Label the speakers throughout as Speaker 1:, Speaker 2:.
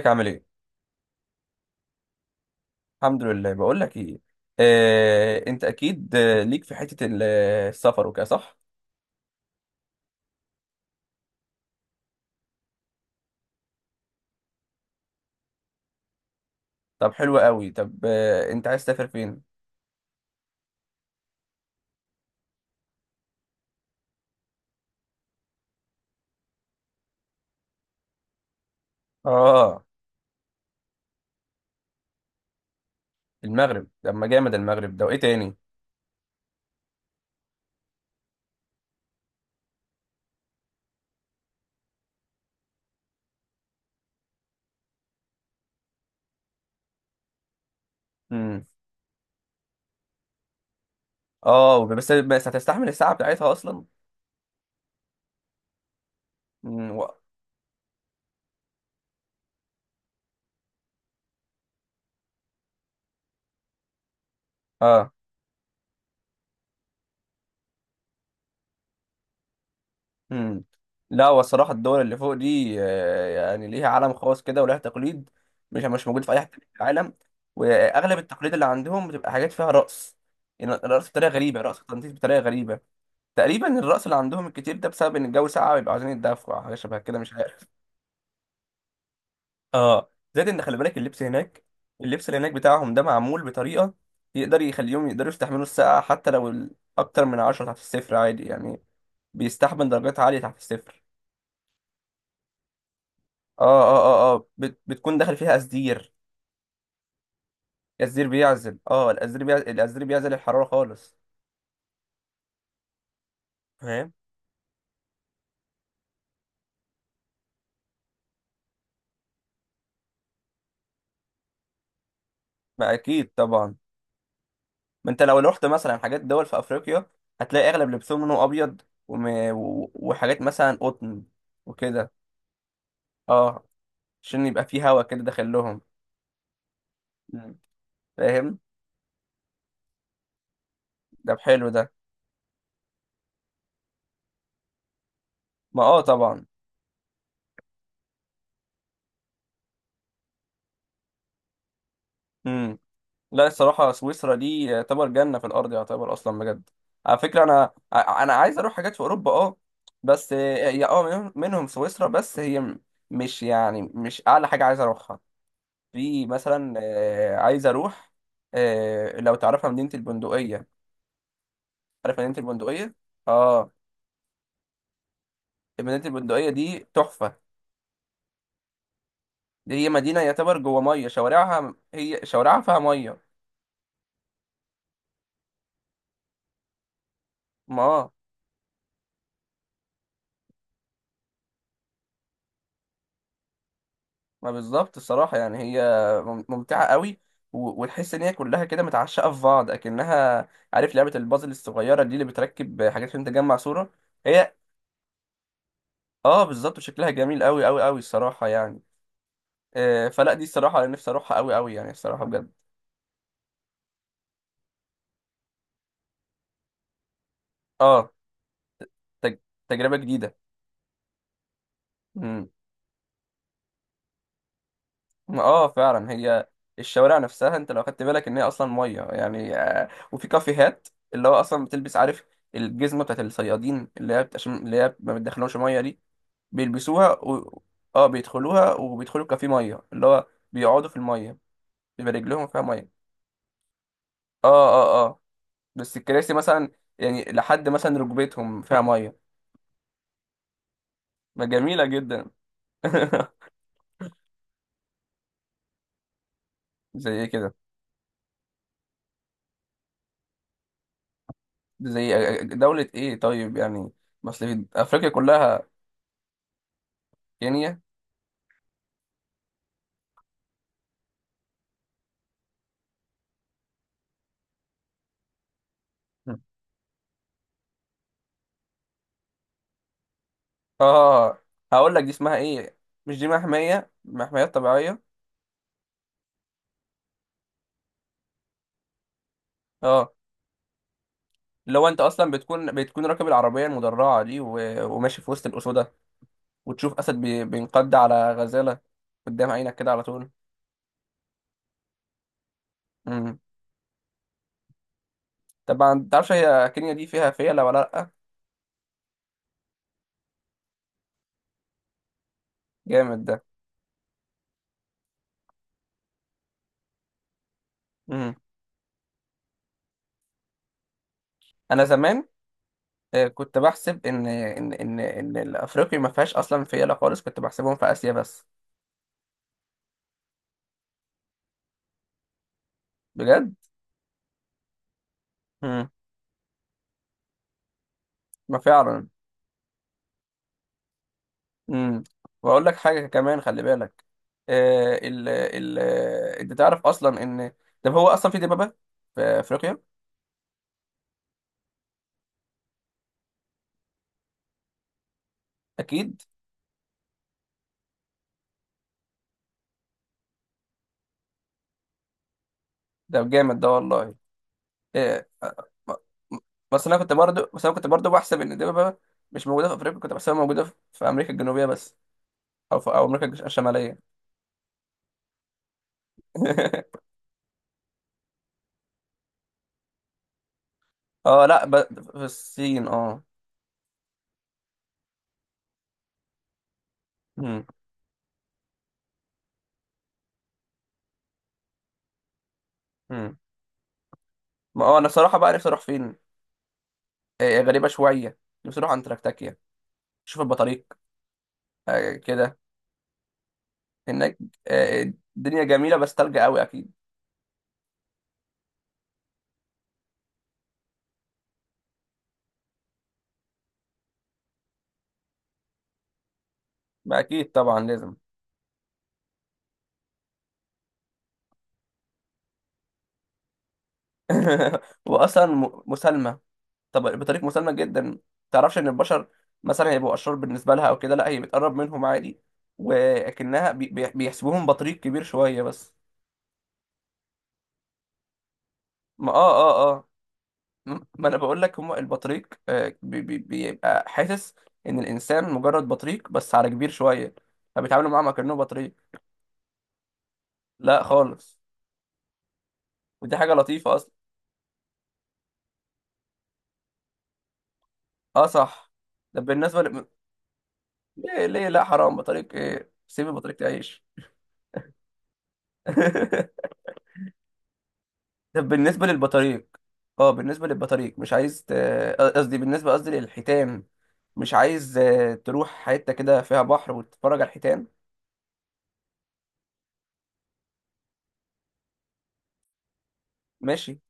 Speaker 1: ازيك عامل ايه؟ الحمد لله. بقول لك ايه، انت اكيد، ليك في حتة السفر وكده، صح؟ طب حلو قوي. طب انت عايز تسافر فين؟ اه، المغرب. طب ما جامد، المغرب ده وايه تاني؟ امم اه، بس هتستحمل الساعة بتاعتها اصلا؟ امم و... اه امم لا، والصراحة الدول اللي فوق دي يعني ليها عالم خاص كده، ولها تقليد مش موجود في اي حتة في العالم، واغلب التقليد اللي عندهم بتبقى حاجات فيها رقص. يعني رقص بطريقة غريبة، رقص تنطيط بطريقة غريبة. تقريبا الرأس اللي عندهم الكتير ده بسبب ان الجو ساقع، بيبقوا عايزين يتدفوا أو حاجه شبه كده، مش عارف. اه، زائد ان خلي بالك اللبس هناك. اللبس اللي هناك بتاعهم ده معمول بطريقه يقدر يخليهم يقدروا يستحملوا السقعه، حتى لو اكتر من 10 تحت الصفر عادي يعني. بيستحمل درجات عاليه تحت الصفر. بتكون داخل فيها أزدير. الأزدير بيعزل الحراره خالص. فاهم. ما اكيد طبعا. ما انت لو رحت مثلا حاجات دول في افريقيا، هتلاقي اغلب لبسهم لونه ابيض وم... وحاجات مثلا قطن وكده. اه، عشان يبقى فيه هوا كده داخل لهم. مم. فاهم. ده حلو ده. ما طبعا. امم لا، الصراحه سويسرا دي يعتبر جنه في الارض، يعتبر اصلا بجد. على فكره، انا عايز اروح حاجات في اوروبا، بس هي منهم سويسرا، بس هي مش يعني مش اعلى حاجه عايز اروحها. في مثلا عايز اروح لو تعرفها مدينة البندقية. عارف مدينة البندقية؟ اه. مدينة البندقية دي تحفة. دي هي مدينة يعتبر جوه مية شوارعها، هي شوارعها فيها مية. ما ما بالظبط، الصراحة يعني هي ممتعة قوي، وتحس ان هي كلها كده متعشقة في بعض، اكنها عارف لعبة البازل الصغيرة دي اللي بتركب حاجات عشان تجمع صورة. هي، اه بالظبط. وشكلها جميل قوي قوي قوي الصراحة يعني. فلا دي الصراحة انا نفسي اروحها قوي قوي، يعني الصراحة بجد. اه، تج... تجربة جديدة. امم اه فعلا. هي الشوارع نفسها، انت لو خدت بالك ان هي اصلا ميه يعني، وفي كافيهات اللي هو اصلا بتلبس، عارف الجزمه بتاعت الصيادين اللي هي عشان اللي هي ما بتدخلهمش ميه دي. بيلبسوها اه، بيدخلوها، وبيدخلوا كافيه ميه اللي هو بيقعدوا في الميه. بيبقى رجلهم فيها ميه. اه، اه، اه، بس الكراسي مثلا، يعني لحد مثلا ركبتهم فيها ميه. ما جميله جدا. زي ايه كده؟ زي دولة ايه طيب يعني؟ ما اصل في افريقيا كلها، كينيا. مم. اه، هقول لك دي اسمها ايه، مش دي محمية، محميات طبيعية. اه، اللي هو انت اصلا بتكون راكب العربية المدرعة دي وماشي في وسط الاسودة، وتشوف اسد بينقض على غزالة قدام عينك كده على طول. امم طبعا، متعرفش هي كينيا دي فيها فيلة ولا لأ؟ جامد ده. امم انا زمان كنت بحسب ان الافريقيا ما فيهاش اصلا فيلة خالص، كنت بحسبهم في اسيا بس. بجد. مم. ما فعلا. مم. واقول لك حاجه كمان، خلي بالك. آه ال ال آه، انت تعرف اصلا ان، طب هو اصلا في دبابه في افريقيا؟ اكيد. ده جامد ده والله. آه آه، ب- بس انا كنت برضو بحسب ان الدبابه مش موجوده في افريقيا، كنت بحسبها موجوده في امريكا الجنوبيه بس، او امريكا الشماليه. اه، لا، في الصين، اه. مم. مم. ما هو انا صراحه بقى نفسي اروح فين، غريبه شويه. نفسي اروح انتاركتيكا، شوف البطاريق كده هناك. آه، الدنيا جميلة بس تلج قوي أكيد. ما أكيد طبعا لازم. وأصلا مسالمة. طب بطريقة مسالمة جدا. تعرفش إن البشر مثلا هيبقوا أشرار بالنسبة لها أو كده؟ لا، هي بتقرب منهم عادي، ولكنها بيحسبوهم بطريق كبير شوية بس. ما آه آه آه م- ما أنا بقول لك، هما البطريق بيبقى حاسس إن الإنسان مجرد بطريق بس على كبير شوية، فبيتعاملوا معاه ما كأنه بطريق. لا خالص. ودي حاجة لطيفة. اه، صح. طب بالنسبة ليه لا، حرام، بطريق ايه، سيب البطريق تعيش. طب بالنسبة للبطاريق، اه، بالنسبة للبطاريق مش عايز قصدي، بالنسبة، قصدي للحيتان، مش عايز تروح حتة كده فيها بحر وتتفرج على الحيتان؟ ماشي.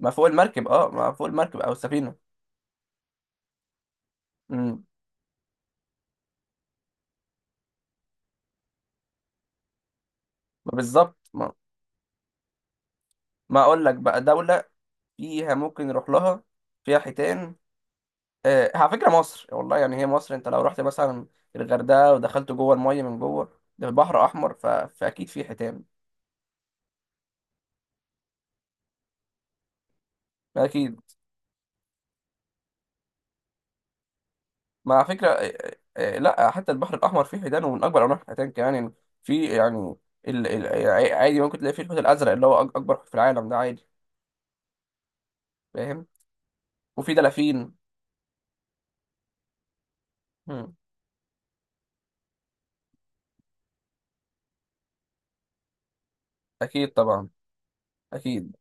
Speaker 1: ما فوق المركب، او السفينة. امم ما بالظبط ما اقول لك بقى دولة فيها ممكن نروح لها، فيها حيتان. على فكره، مصر والله. يعني هي مصر، انت لو رحت مثلا الغردقه ودخلت جوه الميه من جوه، ده بحر احمر، فاكيد في حيتان. اكيد. ما على فكره، لا حتى البحر الاحمر فيه حيتان، ومن اكبر انواع الحيتان كمان يعني. في يعني عادي ممكن تلاقي فيه الحوت الازرق اللي هو اكبر حوت في العالم ده عادي. فاهم. وفي دلافين. مم. اكيد طبعا، اكيد.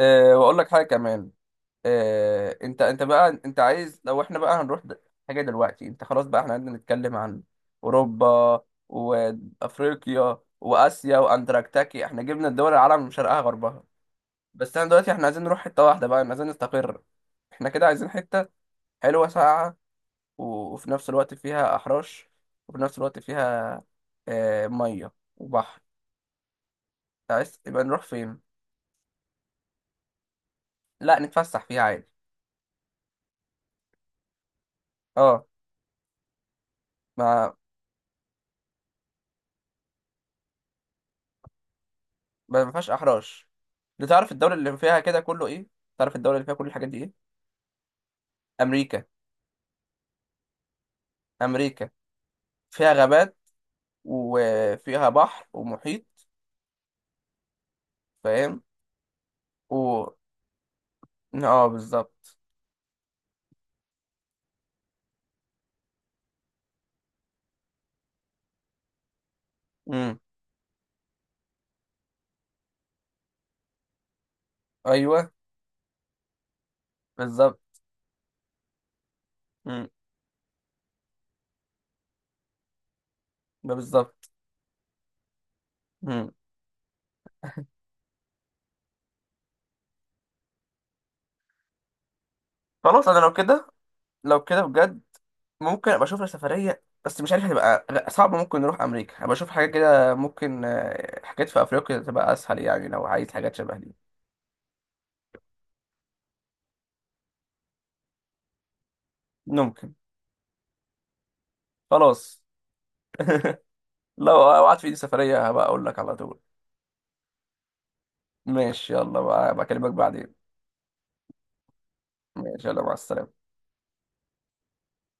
Speaker 1: واقول لك حاجه كمان. انت بقى، انت عايز لو احنا بقى هنروح حاجه دلوقتي، انت خلاص بقى احنا قعدنا نتكلم عن اوروبا وافريقيا واسيا واندراكتاكي، احنا جبنا الدول العالم من شرقها غربها. بس انا دلوقتي احنا عايزين نروح حته واحده بقى، عايزين نستقر، احنا كده عايزين حته حلوه ساقعه، وفي نفس الوقت فيها احراش، وفي نفس الوقت فيها ميه وبحر. عايز يبقى نروح فين؟ لا، نتفسح فيها عادي. اه، ما ما فيهاش احراج. انت تعرف الدولة اللي فيها كده كله ايه؟ تعرف الدولة اللي فيها كل الحاجات دي ايه؟ امريكا. امريكا فيها غابات، وفيها بحر ومحيط. فاهم. و اه، بالظبط. امم ايوه، بالظبط. امم ده بالظبط. امم خلاص، انا لو كده، بجد ممكن ابقى اشوف لي سفرية، بس مش عارف هتبقى صعبة. ممكن نروح امريكا ابقى اشوف حاجات كده، ممكن حاجات في افريقيا تبقى اسهل يعني لو عايز حاجات شبه دي. ممكن. خلاص، لو وقعت في ايدي سفرية هبقى اقول لك على طول. ماشي. يلا بقى، بكلمك بعدين. ماشي، يلا مع السلامة.